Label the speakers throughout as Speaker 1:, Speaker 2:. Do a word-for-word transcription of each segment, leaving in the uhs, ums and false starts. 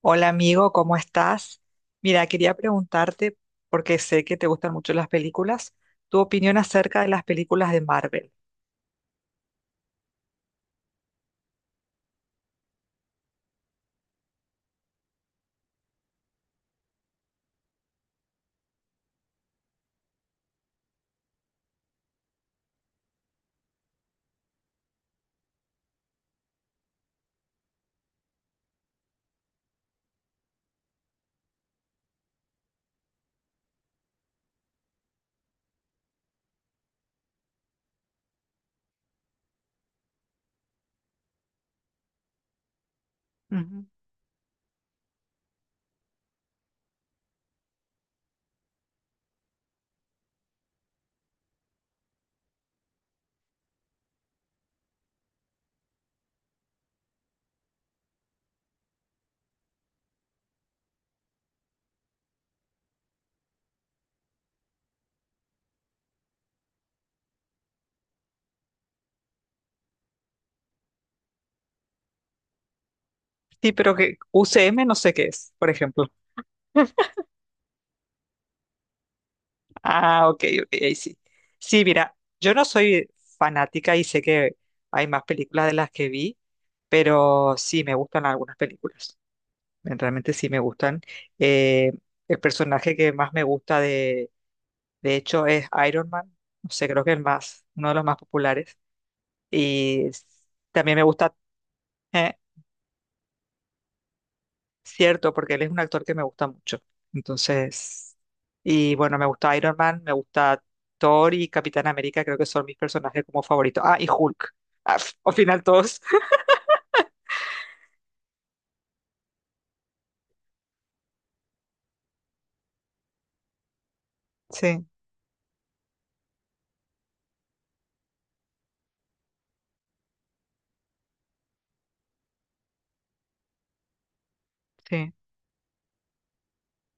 Speaker 1: Hola amigo, ¿cómo estás? Mira, quería preguntarte, porque sé que te gustan mucho las películas, tu opinión acerca de las películas de Marvel. Ujú. Sí, pero que U C M no sé qué es, por ejemplo. Ah, ok, ok, ahí sí. Sí, mira, yo no soy fanática y sé que hay más películas de las que vi, pero sí me gustan algunas películas. Me- Realmente sí me gustan. Eh, el personaje que más me gusta de, de hecho es Iron Man, no sé, creo que el más, uno de los más populares. Y s- También me gusta, eh, cierto, porque él es un actor que me gusta mucho. Entonces, y bueno, me gusta Iron Man, me gusta Thor y Capitán América, creo que son mis personajes como favoritos. Ah, y Hulk. Ah, f- al final todos. Sí, sí,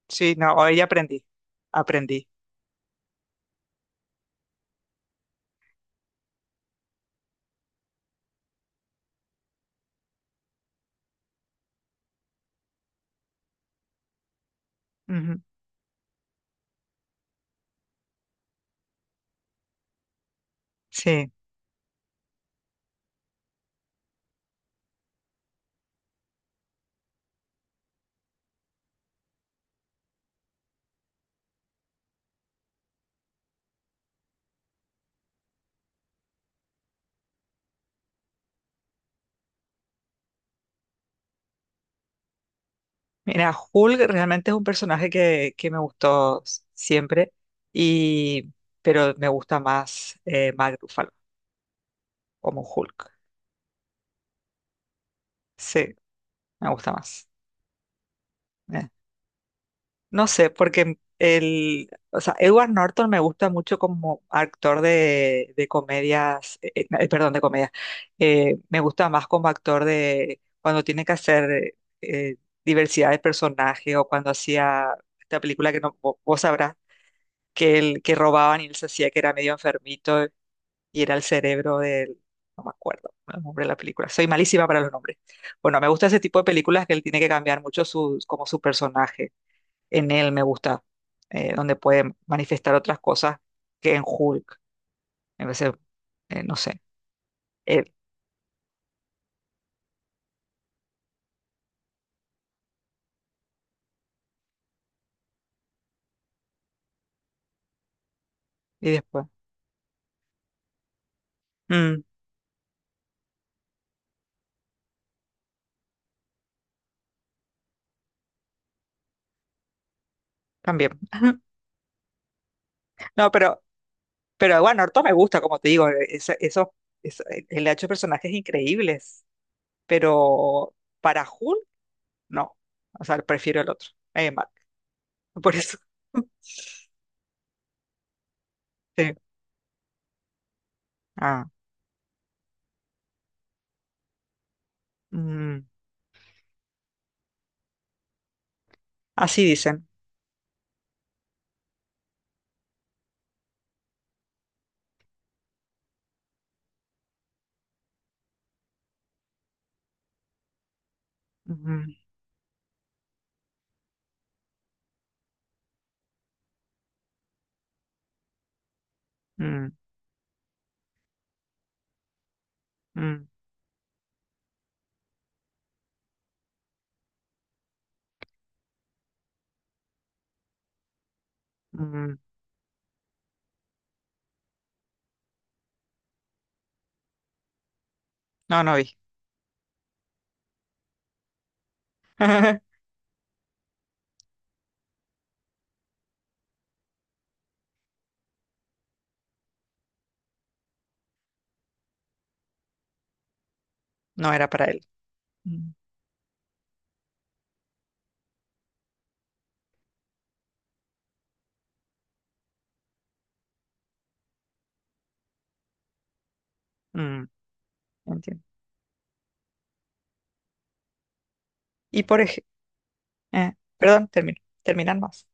Speaker 1: sí, no, hoy aprendí, aprendí. Ujú. Sí, mira, Hulk realmente es un personaje que, que me gustó s- siempre, y, pero me gusta más eh, Mark Ruffalo como Hulk. Sí, me gusta más. No sé, porque el, o sea, Edward Norton me gusta mucho como actor de, de comedias, eh, eh, eh, perdón, de comedias. Eh, me gusta más como actor de cuando tiene que hacer eh, diversidad de personajes o cuando hacía esta película que no, vo- vos sabrás que él, que robaban y él se hacía que era medio enfermito y era el cerebro del, no me acuerdo el nombre de la película. Soy malísima para los nombres. Bueno, me gusta ese tipo de películas que él tiene que cambiar mucho sus, como su personaje en él me gusta, eh, donde puede manifestar otras cosas que en Hulk. En vez de, eh, no sé, él. Y después, mm, también. No, pero, pero bueno, Orto me gusta, como te digo, eso, eso, eso- él ha hecho personajes increíbles, pero para Hulk, no. O sea, prefiero el otro, eh, Mark. Por eso. Sí. Ah, mm, así dicen. Mm, mm, mm, mm. Mm. No, no vi. No era para él. Mm, mm. Entiendo. Y por ejemplo, perdón, termino, terminan más.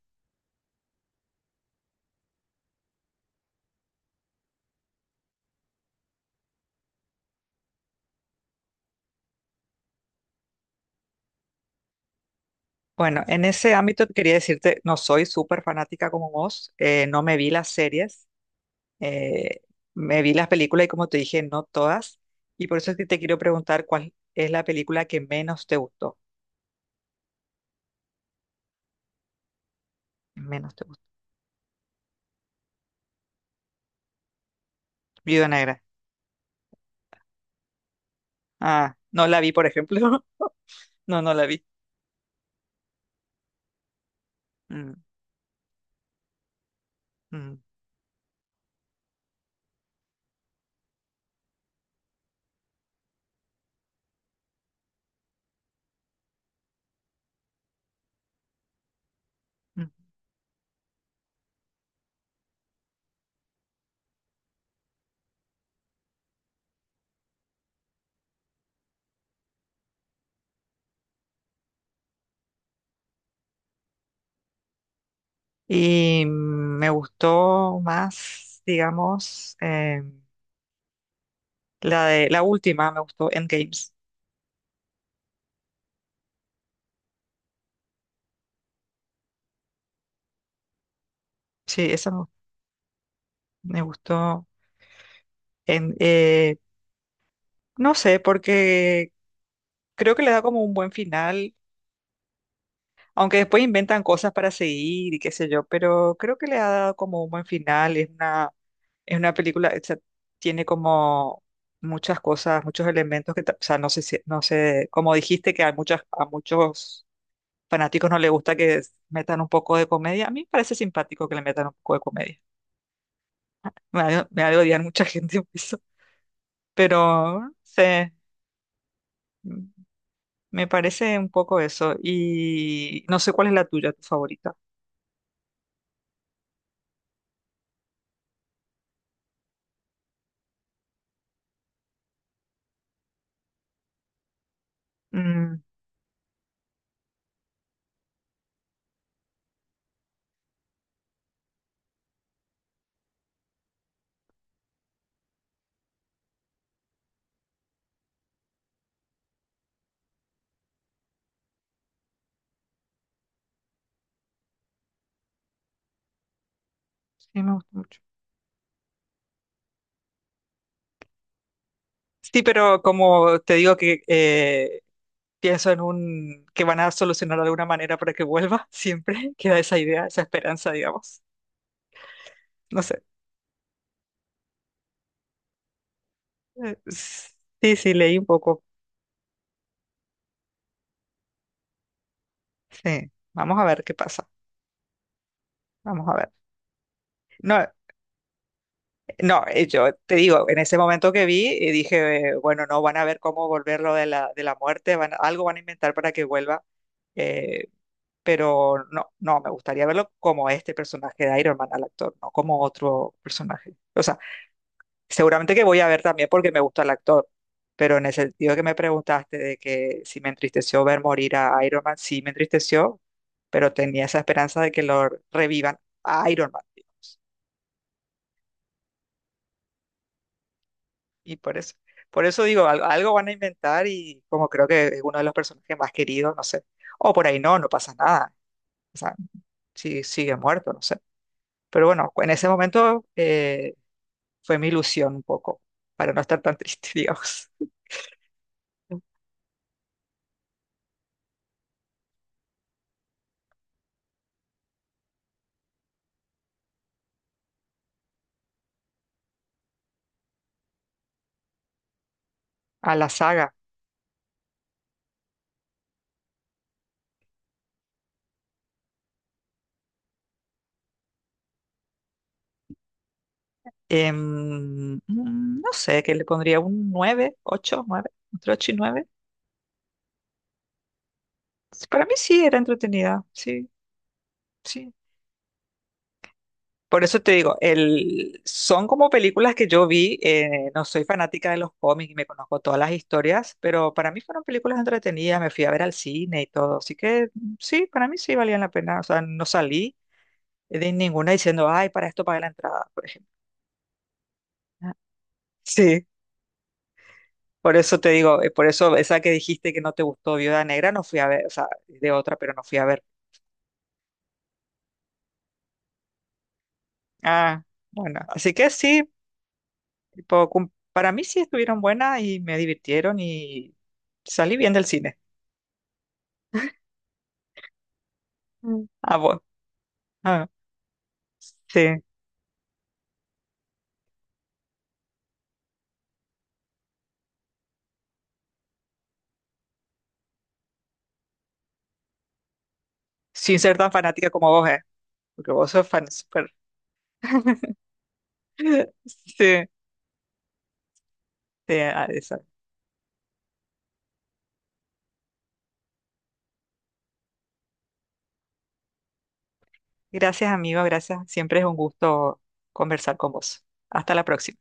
Speaker 1: Bueno, en ese ámbito quería decirte, no soy súper fanática como vos, eh, no me vi las series, eh, me vi las películas y como te dije, no todas, y por eso es que te quiero preguntar cuál es la película que menos te gustó, menos te gustó. Viuda Negra. Ah, no la vi, por ejemplo. No, no la vi. Mm, mm, mm. Y mm, me gustó más, digamos, eh, la de la última, me gustó Endgame. Sí, esa me me gustó. En, eh, no sé, porque creo que le da como un buen final, aunque después inventan cosas para seguir y qué sé yo, pero creo que le ha dado como un buen final. Es una, es una película, o sea, tiene como muchas cosas, muchos elementos que, ta- o sea, no sé, si- no sé, como dijiste que a muchas, a muchos fanáticos no les gusta que s- metan un poco de comedia. A mí me parece simpático que le metan un poco de comedia. Me ha de- me ha de odiar mucha gente por eso, pero no sé. Me parece un poco eso. Y no sé cuál es la tuya, tu favorita. Mm, sí, me gusta mucho. Sí, pero como te digo que eh, pienso en un que van a solucionar de alguna manera para que vuelva, siempre queda esa idea, esa esperanza, digamos. No sé. Eh, Sí, sí, leí un poco. Sí, vamos a ver qué pasa. Vamos a ver. No, no, eh, yo te digo, en ese momento que vi, eh, dije, eh, bueno, no, van a ver cómo volverlo de la, de la muerte, van, algo van a inventar para que vuelva. eh, pero no, no, me gustaría verlo como este personaje de Iron Man al actor, no como otro personaje. O sea, seguramente que voy a ver también porque me gusta el actor, pero en el sentido que me preguntaste de que si me entristeció ver morir a Iron Man, sí me entristeció, pero tenía esa esperanza de que lo revivan a Iron Man, digamos. Y por eso, por eso digo, al- algo van a inventar y como creo que es uno de los personajes más queridos, no sé. O por ahí no, no pasa nada. O sea, si sigue muerto, no sé. Pero bueno, en ese momento eh, fue mi ilusión un poco, para no estar tan triste, digamos. A la saga, em, mm, no sé, que le pondría un nueve ocho nueve entre ocho y nueve. Para mí sí era entretenida, sí, sí. Por eso te digo, el, son como películas que yo vi, eh, no soy fanática de los cómics y me conozco todas las historias, pero para mí fueron películas entretenidas, me fui a ver al cine y todo, así que mm, sí, para mí sí valían la pena, o sea, no salí de ninguna diciendo, ay, para esto pagué la entrada, por ejemplo. Sí, por eso te digo, eh, por eso esa que dijiste que no te gustó Viuda Negra, no fui a ver, o sea, de otra, pero no fui a ver. Ah, bueno, así que sí, tipo, cum- para mí sí estuvieron buenas y me divirtieron y salí bien del cine. Ah, bueno, ah, sí, sin ser tan fanática como vos, eh, porque vos sos fan súper. Sí, sí, ah, eso. Gracias, amigo, gracias. Siempre es un gusto conversar con vos. Hasta la próxima.